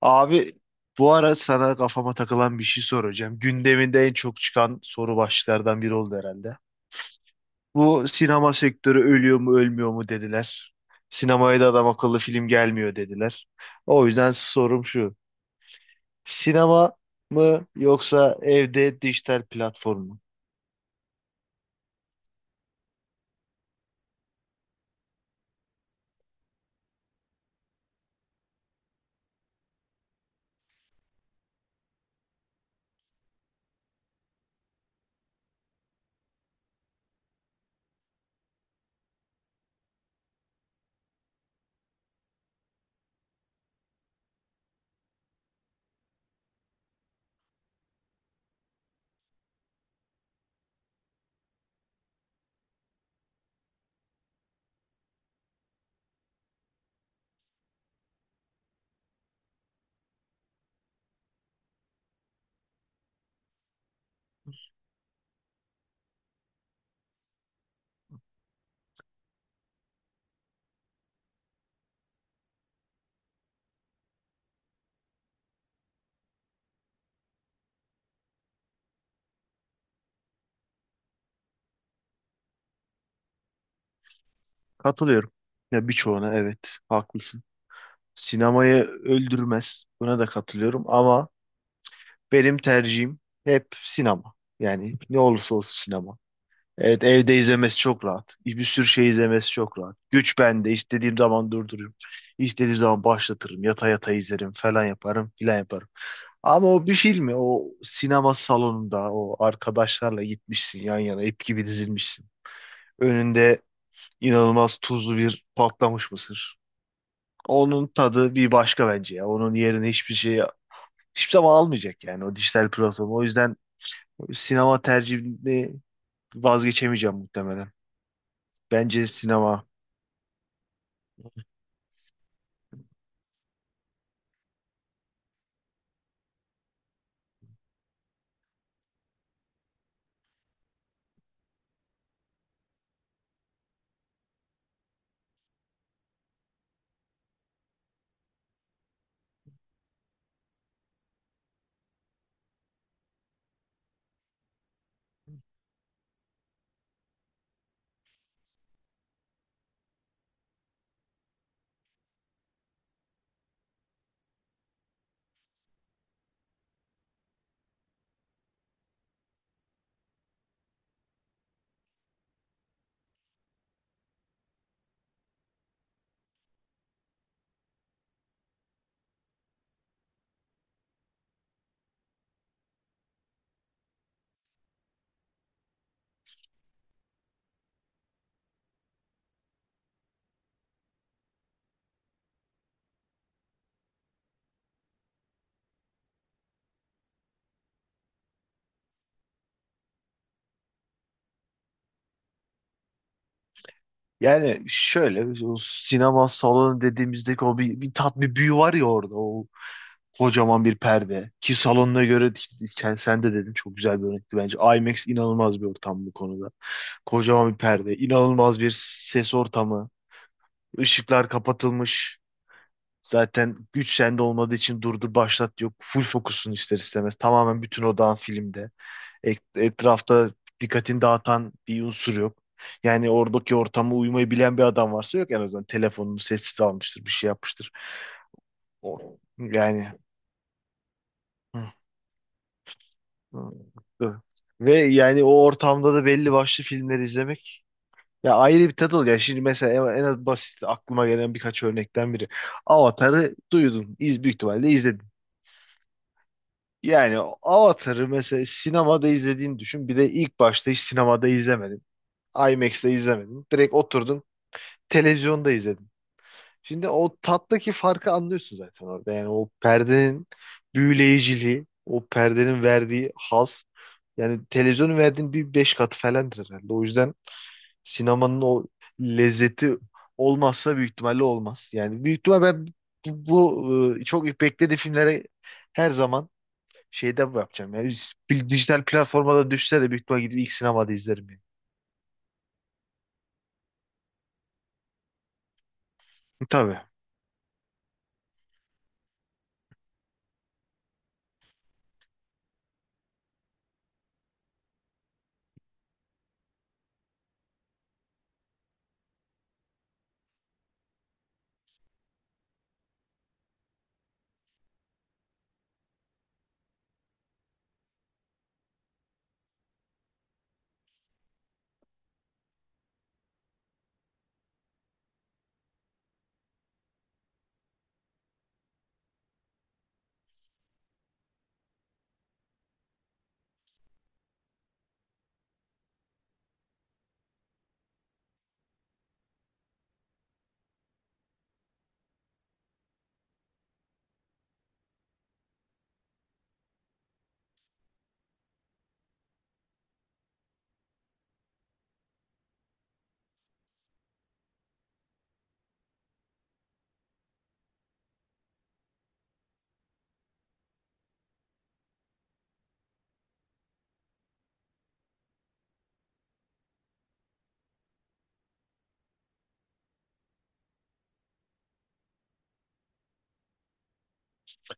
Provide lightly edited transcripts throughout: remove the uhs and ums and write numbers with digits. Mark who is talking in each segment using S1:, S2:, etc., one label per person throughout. S1: Abi, bu ara sana kafama takılan bir şey soracağım. Gündeminde en çok çıkan soru başlıklardan biri oldu herhalde. Bu sinema sektörü ölüyor mu ölmüyor mu dediler. Sinemaya da adam akıllı film gelmiyor dediler. O yüzden sorum şu. Sinema mı yoksa evde dijital platform mu? Katılıyorum. Ya birçoğuna evet haklısın. Sinemayı öldürmez. Buna da katılıyorum ama benim tercihim hep sinema. Yani ne olursa olsun sinema. Evet, evde izlemesi çok rahat. Bir sürü şey izlemesi çok rahat. Güç bende. İstediğim zaman durdururum. İstediğim zaman başlatırım. Yata yata izlerim falan yaparım filan yaparım. Ama o bir filmi o sinema salonunda o arkadaşlarla gitmişsin, yan yana ip gibi dizilmişsin. Önünde inanılmaz tuzlu bir patlamış mısır. Onun tadı bir başka bence ya. Onun yerine hiçbir şey hiçbir zaman almayacak yani o dijital platform. O yüzden sinema tercihini vazgeçemeyeceğim muhtemelen. Bence sinema. Yani şöyle o sinema salonu dediğimizdeki o bir tat, bir büyü var ya orada, o kocaman bir perde, ki salonuna göre sen de dedin, çok güzel bir örnekti bence. IMAX inanılmaz bir ortam bu konuda, kocaman bir perde, inanılmaz bir ses ortamı, ışıklar kapatılmış, zaten güç sende olmadığı için durdur başlat yok, full fokusun ister istemez tamamen bütün odağın filmde. Etrafta dikkatini dağıtan bir unsur yok. Yani oradaki ortama uymayı bilen bir adam varsa, yok en azından telefonunu sessiz almıştır, bir şey yapmıştır. O, yani. Hı, hı, hı. Ve yani o ortamda da belli başlı filmleri izlemek ya ayrı bir tat oluyor. Yani şimdi mesela en az basit aklıma gelen birkaç örnekten biri. Avatar'ı duydun, büyük ihtimalle izledin. Yani Avatar'ı mesela sinemada izlediğini düşün. Bir de ilk başta hiç sinemada izlemedin. IMAX'te izlemedin. Direkt oturdun, televizyonda izledim. Şimdi o tattaki farkı anlıyorsun zaten orada. Yani o perdenin büyüleyiciliği, o perdenin verdiği haz. Yani televizyonun verdiğin bir beş katı falandır herhalde. O yüzden sinemanın o lezzeti olmazsa büyük ihtimalle olmaz. Yani büyük ihtimal ben çok beklediği filmlere her zaman şeyde yapacağım. Yani bir dijital platforma da düşse de büyük ihtimal gidip ilk sinemada izlerim. Yani. Tabii.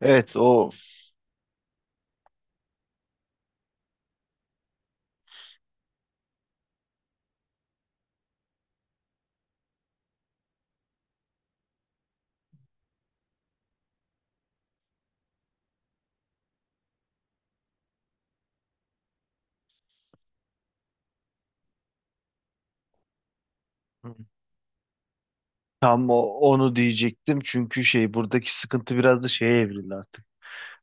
S1: Evet, o tam onu diyecektim çünkü şey buradaki sıkıntı biraz da şeye evrildi artık.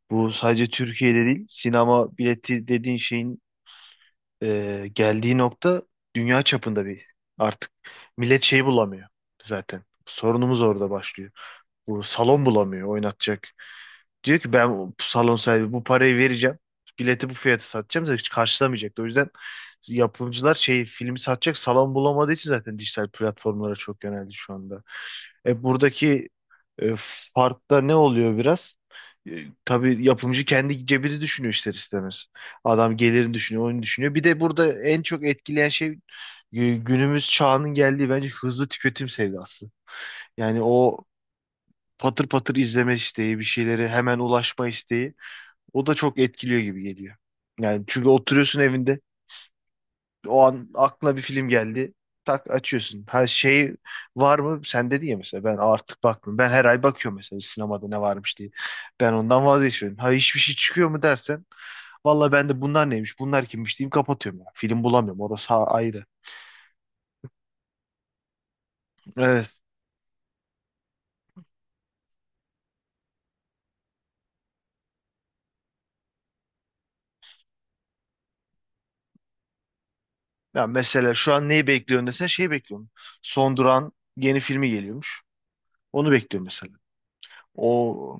S1: Bu sadece Türkiye'de değil, sinema bileti dediğin şeyin geldiği nokta dünya çapında bir, artık millet şeyi bulamıyor zaten. Sorunumuz orada başlıyor. Bu salon bulamıyor oynatacak. Diyor ki ben bu salon sahibi bu parayı vereceğim. Bileti bu fiyata satacağım da hiç karşılamayacak. O yüzden yapımcılar şey filmi satacak salon bulamadığı için zaten dijital platformlara çok yöneldi şu anda. Buradaki e, fark ne oluyor biraz? E, tabii yapımcı kendi cebini düşünüyor ister istemez. Adam gelirini düşünüyor, oyunu düşünüyor. Bir de burada en çok etkileyen şey günümüz çağının geldiği bence hızlı tüketim sevdası. Yani o patır patır izleme isteği, bir şeylere hemen ulaşma isteği, o da çok etkiliyor gibi geliyor. Yani çünkü oturuyorsun evinde, o an aklına bir film geldi. Tak açıyorsun. Her şey var mı sende diye mesela? Ben artık bakmıyorum. Ben her ay bakıyorum mesela sinemada ne varmış diye. Ben ondan vazgeçiyorum. Ha, hiçbir şey çıkıyor mu dersen, valla ben de bunlar neymiş, bunlar kimmiş diyeyim kapatıyorum ya. Film bulamıyorum. Orası ayrı. Evet. Ya mesela şu an neyi bekliyorsun desen şey bekliyorum. Son Duran yeni filmi geliyormuş. Onu bekliyorum mesela. O.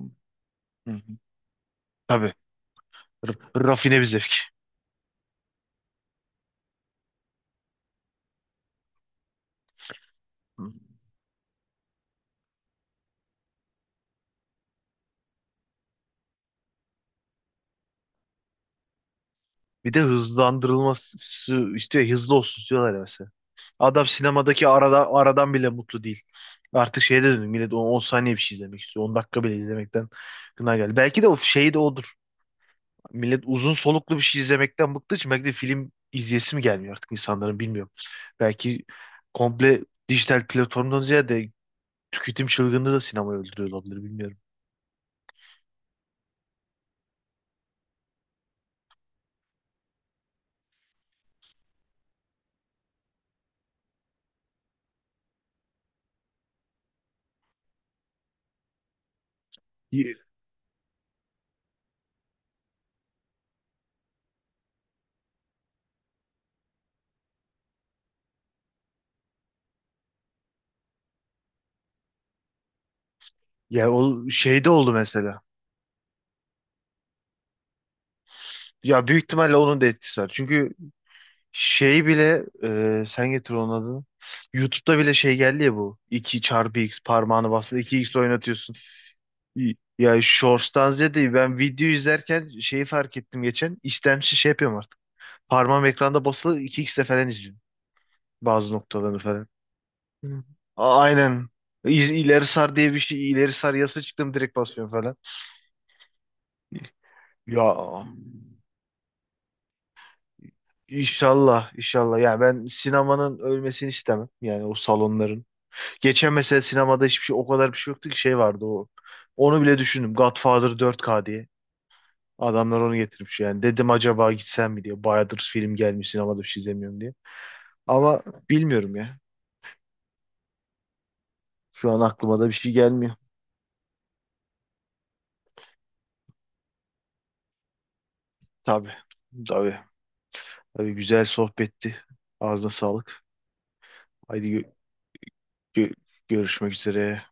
S1: Hı hı. Tabii. R- Rafine bir zevk. Hı. Bir de hızlandırılması istiyor. Hızlı olsun istiyorlar ya mesela. Adam sinemadaki arada, aradan bile mutlu değil. Artık şeye de döndü. Millet 10 saniye bir şey izlemek istiyor. 10 dakika bile izlemekten gına geldi. Belki de o şey de odur. Millet uzun soluklu bir şey izlemekten bıktığı için belki de film izleyesi mi gelmiyor artık insanların, bilmiyorum. Belki komple dijital platformdan ziyade tüketim çılgınlığı da sinemayı öldürüyor olabilir, bilmiyorum. Ya o şey de oldu mesela. Ya büyük ihtimalle onun da etkisi var. Çünkü şey bile, sen getir onun adını. YouTube'da bile şey geldi ya bu. 2 çarpı x parmağını bastı, 2x oynatıyorsun. Ya Shorts'tan ziyade ben video izlerken şeyi fark ettim geçen. İstemsiz şey yapıyorum artık. Parmağım ekranda basılı iki xle falan izliyorum. Bazı noktalarını falan. Hı. Aynen. İleri sar diye bir şey. İleri sar yasa çıktım direkt basıyorum falan. Ya inşallah, inşallah. Yani ben sinemanın ölmesini istemem. Yani o salonların. Geçen mesela sinemada hiçbir şey o kadar bir şey yoktu ki, şey vardı o. Onu bile düşündüm. Godfather 4K diye. Adamlar onu getirmiş yani. Dedim acaba gitsem mi diye. Bayağıdır film gelmiş sinemada bir şey izlemiyorum diye. Ama bilmiyorum ya. Şu an aklıma da bir şey gelmiyor. Tabii. Tabii. Tabii, güzel sohbetti. Ağzına sağlık. Haydi gö- görüşmek üzere.